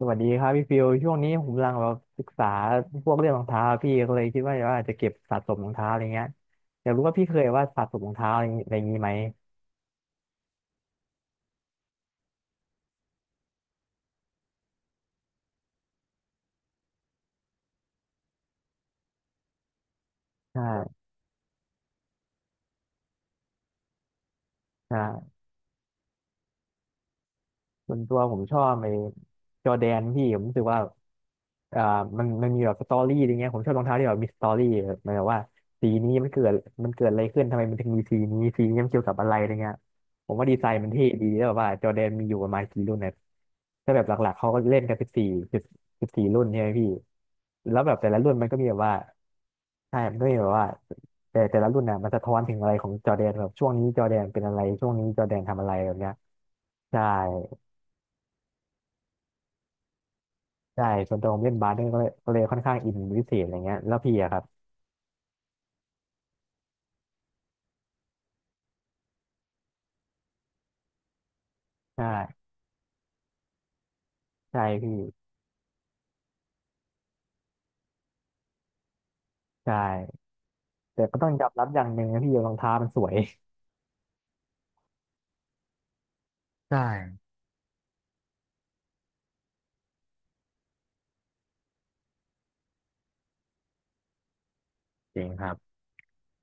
สวัสดีครับพี่ฟิวช่วงนี้ผมกำลังแบบศึกษาพวกเรื่องรองเท้าพี่ก็เลยคิดว่าจะเก็บสะสมรองเท้าอะไรเงี้ยอยากรู้ว่าพี่เคยว่าสะสมรองเท้าอะไรอย่างงี้อะไรอย่างงี้ไหมใช่ใช่ ส่วนตัวผมชอบไอ้จอร์แดนพี่ผมรู้สึกว่าอ่ามันมีแบบสตอรี่อะไรเงี้ยผมชอบรองเท้าที่แบบมีสตอรี่แบบหมายความว่าสีนี้มันเกิดอะไรขึ้นทำไมมันถึงมีสีนี้สีนี้มันเกี่ยวกับอะไรอะไรเงี้ยผมว่าดีไซน์มันเท่ดีแล้วแบบว่าจอร์แดนมีอยู่ประมาณกี่รุ่นเนยถ้าแบบหลักๆเขาก็เล่นกันสิบสิบสี่รุ่นใช่ไหมพี่แล้วแบบแต่ละรุ่นมันก็มีแบบว่าใช่มันก็มีแบบว่าแต่ละรุ่นน่ะมันสะท้อนถึงอะไรของจอร์แดนแบบช่วงนี้จอร์แดนเป็นอะไรช่วงนี้จอร์แดนทำอะไรแบบเนี้ยใช่ ใช่ส่วนตัวผมเล่นบาสเนี่ยก็เลยค่อนข้างอินเป็นพิเศษอะไรเงี้ยแล้วพี่อะครับใช่ใช่พี่ใช่แต่ก็ต้องยอมรับอย่างหนึ่งนะพี่รองเท้ามันสวยใช่จริงครับ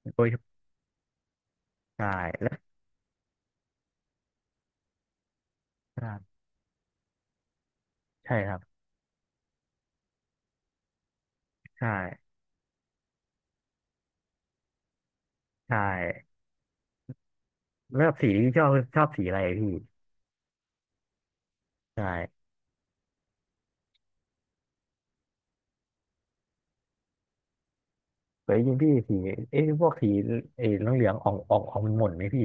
โอ้ยใช่แล้วครับใช่ครับใช่ใช่แล้วแบบสีที่ชอบสีอะไรพี่ใช่เคยยิงพี่สีเอ้ยพวกสีเอ้ยเหลืองๆออกมันหม่นๆไหมพี่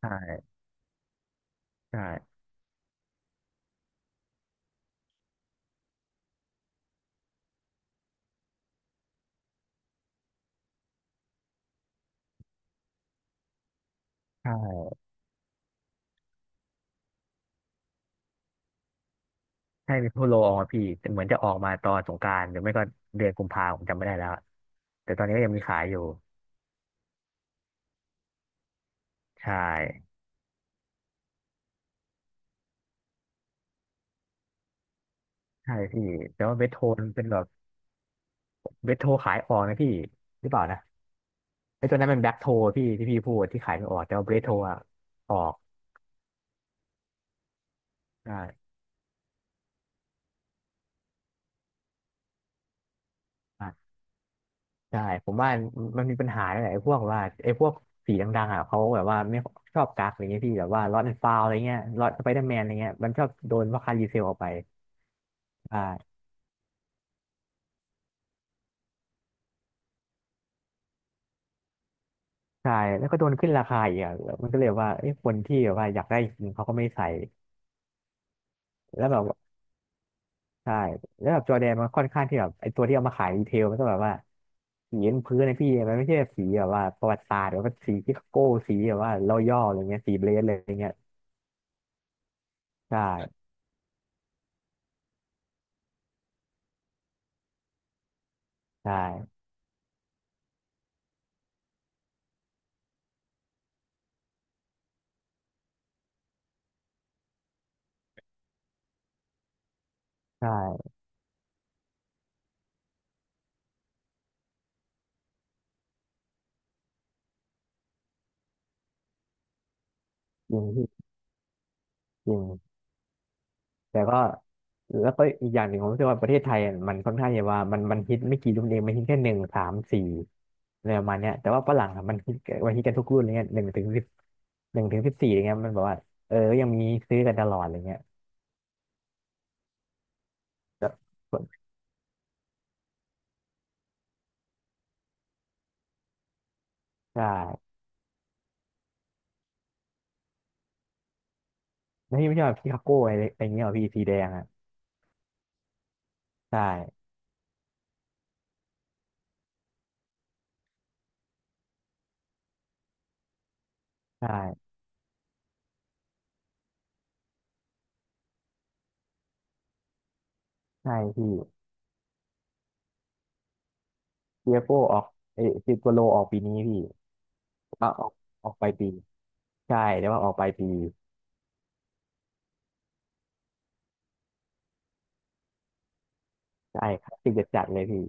ใช่ใช่ใช่ใช่มีโพโลออกมาพี่แต่เหมือนจะออกมาตอนสงกรานต์หรือไม่ก็เดือนกุมภาผมจำไม่ได้แล้วแต่ตอนนี้ก็ยังมีขายอยู่ใช่ ใช่พี่แต่ว่าเวทโทนเป็นแบบเวทโทขายออกนะพี่หรือเปล่านะไอ้ตัวนั้นเป็นแบ็คโทพี่ที่พี่พูดที่ขายไม่ออกแต่ว่าเวทโทอะออกใช่อ่ะใช่ผมว่ามันมีปัญหาหลายพวกว่าไอ้พวกสีดังๆอ่ะเขาแบบว่าไม่ชอบกักอะไรเงี้ยพี่แบบว่าล็อตแอนด์ฟาวอะไรเงี้ยล็อตสไปเดอร์แมนอะไรเงี้ยมันชอบโดนราคารีเซลออกไปใช่ใช่แล้วก็โดนขึ้นราคาอีกอ่ะมันก็เลยว่าไอ้คนที่แบบว่าอยากได้จริงเขาก็ไม่ใส่แล้วแบบ ใช่แล้วแบบจอร์แดนมันค่อนข้างที่แบบไอตัวที่เอามาขายดีเทลมันก็แบบว่าสีบนพื้นนะพี่มันไม่ใช่แบบสีแบบว่าประวัติศาสตร์หรือว่าสีที่โก้สีแบบว่าเราย่ออะไรเงี้ยสีเบรสเลยอะไรเงี้ยใช่ใช่ใช่จริงพี่จริงแต่ก็แล้วก็อีกอย่างหนึ่งผมรู้สึกว่าประเทศไทยอะมันค่อนข้างจะว่ามันฮิตไม่กี่รุ่นเองมันฮิตแค่1 3 4อะไรประมาณเนี้ยแต่ว่าฝรั่งอะมันฮิตกันทุกรุ่นอะไรเงี้ย1 ถึง 14อะไรเงี้ยมันแบบว่าเออยังมีซื้อกันตลอดอะไรเงี้ยก็ใช่ แล้วพี่ไม่ชอบพี่คาโก้อะไรอะไรเงี้ยเหรอพี่สีแดงอ่ะใช่ใช่ใช่พี่เปียโก้ออกเอยซิโกโลออกปีนี้พี่อ่ะออกไปลายปีใช่แต่ว่าออกไปลายปีใช่ครับติดจัดๆเลยพี่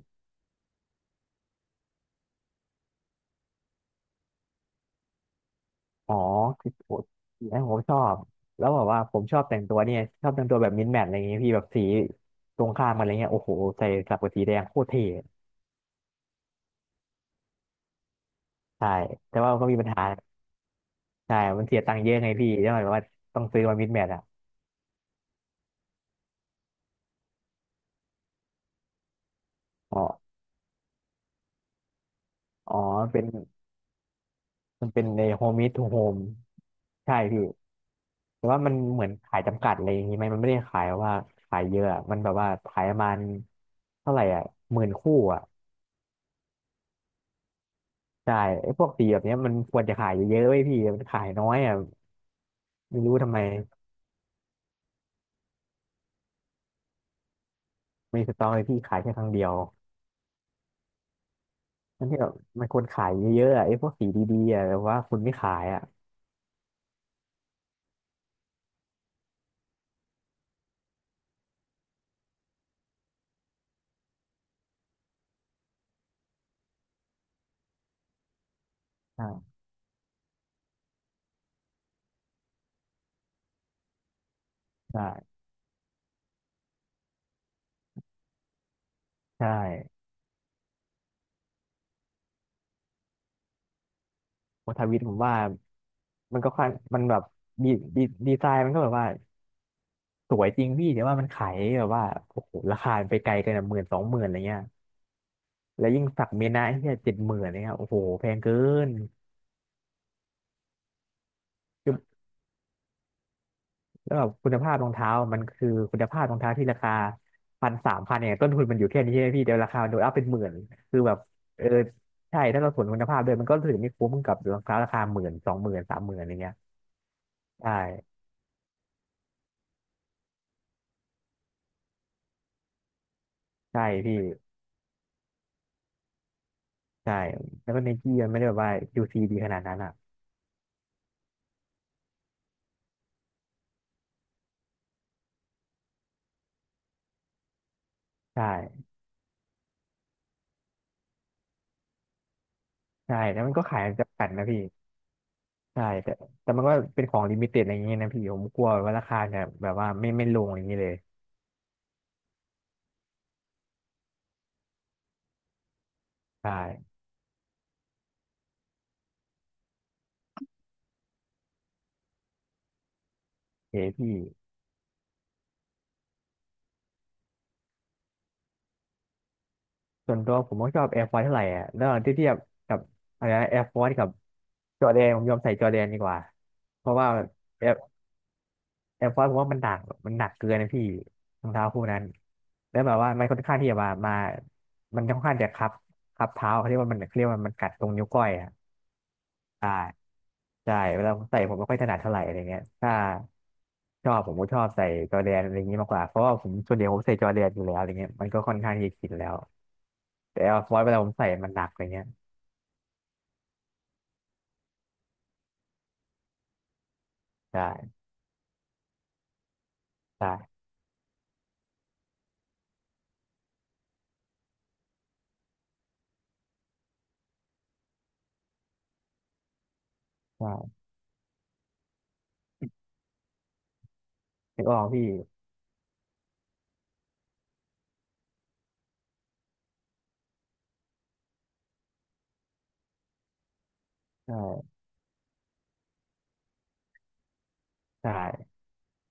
อ๋อคือโอ้ยนะผมชอบแล้วแบอกว่าผมชอบแต่งตัวเนี่ยชอบแต่งตัวแบบมินแมทอะไรเงี้ยพี่แบบสีตรงข้ามกันอะไรเงี้ยโอ้โหใส่สับกับสีแดงโคตรเท่ใช่แต่ว่าก็มีปัญหาใช่มันเสียตังค์เยอะไงพี่แล้วหมวว่าต้องซื้อมามินแมทอ่ะอ๋ออ๋อเป็น มันเป็นในโฮมมิ to โฮมใช่พี่แต่ว่ามันเหมือนขายจำกัดอะไรอย่างนี้ไหมมันไม่ได้ขายว่าขายเยอะอะมันแบบว่าขายประมาณเท่าไหร่อ่ะ10,000 คู่อ่ะใช่ไอ้พวกสีแบบเนี้ยมันควรจะขายเยอะๆไว้ยพี่มันขายน้อยอ่ะไม่รู้ทำไมมีสต็อกเลยพี่ขายแค่ครั้งเดียวนั่นที่แบบมันควรขายเยอะๆอะไอ้พวกสีดีๆอ่ะแต่ว่าคุณไม่ขายอ่ะใช่ใช่ใช่โอทาวิทผมว่ามันก็ค่อนมันแบบดีดีดีไซน์มันก็แบบว่า สวยจริงพี่แต่ว่ามันขายแบบว่าโอ้โหราคามันไปไกลกันหมื่นสองหมื่นอะไรเงี้ยแล้วยิ่งสักเมยนะที่เจ็ดหมื่นเนี่ยโอ้โหแพงเกินคือแล้วแบบคุณภาพรองเท้ามันคือคุณภาพรองเท้าที่ราคาพันสามพันเนี่ยต้นทุนมันอยู่แค่นี้ใช่ไหมพี่เดี๋ยวราคามันโดนอัพเป็นหมื่นคือแบบเออใช่ถ้าเราสวนคุณภาพเลยมันก็ถือไม่คุ้มกับรองเท้าราคาหมื่นสองหมื่นสามหมื่นอะไรเงี้ยใช่ใช่พี่ใช่แล้วก็ไนกี้มันไม่ได้แบบว่ายูซีดีขนาดนั้นอ่ะใช่ใช่แล้วมันก็ขายจำกัดนะพี่ ใช่แต่มันก็เป็นของลิมิเต็ดอะไรอย่างเงี้ยนะพี่ผมกลัวว่าราคาเนี่ยแบบว่าไม่ลงอย่างเงี้ยเลยใช่โอเฮพี่ส่วนตัวผมก็ชอบแอร์ฟอร์เท่าไหร่อ่ะแล้วที่เทียบกับอะไรนะแอร์ฟอร์กับจอร์แดนผมยอมใส่จอร์แดนดีกว่าเพราะว่าแอร์แอร์ฟอร์ผมว่ามันหนักมันหนักเกินนะพี่รองเท้าคู่นั้นแล้วแบบว่ามันค่อนข้างที่จะมามามันค่อนข้างจะคับคับเท้าเขาเรียกว่ามันเขาเรียกว่ามันกัดตรงนิ้วก้อยอ่ะใช่ ใช่เวลาผมใส่ผมไม่ค่อยถนัดเท่าไหร่อะไรเงี้ยถ้าชอบผมก็ชอบใส่จอร์แดนอะไรอย่างนี้มากกว่าเพราะว่าผมส่วนใหญ่ผมใส่จอร์แดนอยู่แล้วอะไรเงี้ยมันก็ค่อนข้างที่จะชินแล้วแต่แอร์ฟอร์เวลาผมใส่มันหนักอะไรเงี้ยใช่ใช่ใช่นึกออกพี่ใช่ใช่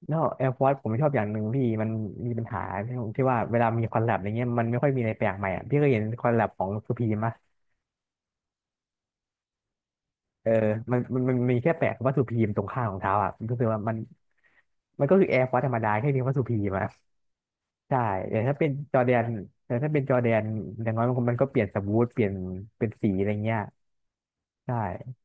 แล้วแอร์ฟอร์ผมชอบอย่างหนึ่งพี่มันมีปัญหาที่ผมที่ว่าเวลามีคอลแลบอะไรเงี้ยมันไม่ค่อยมีอะไรแปลกใหม่อ่ะพี่เคยเห็นคอลแลบของสุพีมะเออมันมีแค่แปะคำว่าสุพีมตรงข้างของเท้าอ่ะรู้สึกว่ามันมันก็คือแอร์ฟอร์ธรรมดาแค่มีคำว่าสุพีมอะ ใช่อย่างถ้าเป็นจอร์แดนแต่ถ้าเป็นจอร์แดนอย่างน้อยมันก็เปลี่ยนสมูทเปลี่ยนเป็นสีอะไรเงี้ยใช่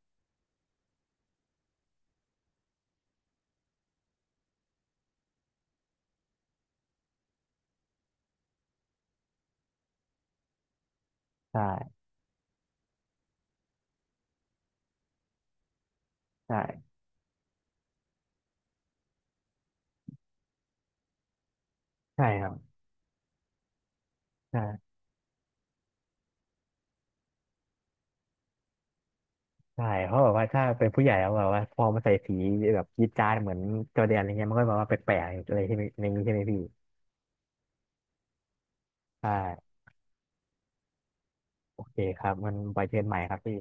ใช่ใช่ใช่ครับใช่ใช่เพราะแบบว่าถ้าเป็นผู้ใหญ่แล้วแบบว่าพอมาใส่สีแบบจี๊ดจ๊าดเหมือนจอร์แดนอะไรเงี้ยมันก็แบบว่าแปลกๆอะไรที่ในนี้ใช่ไหมพี่ใช่โอเคครับมันไปเชิญใหม่ครับพี่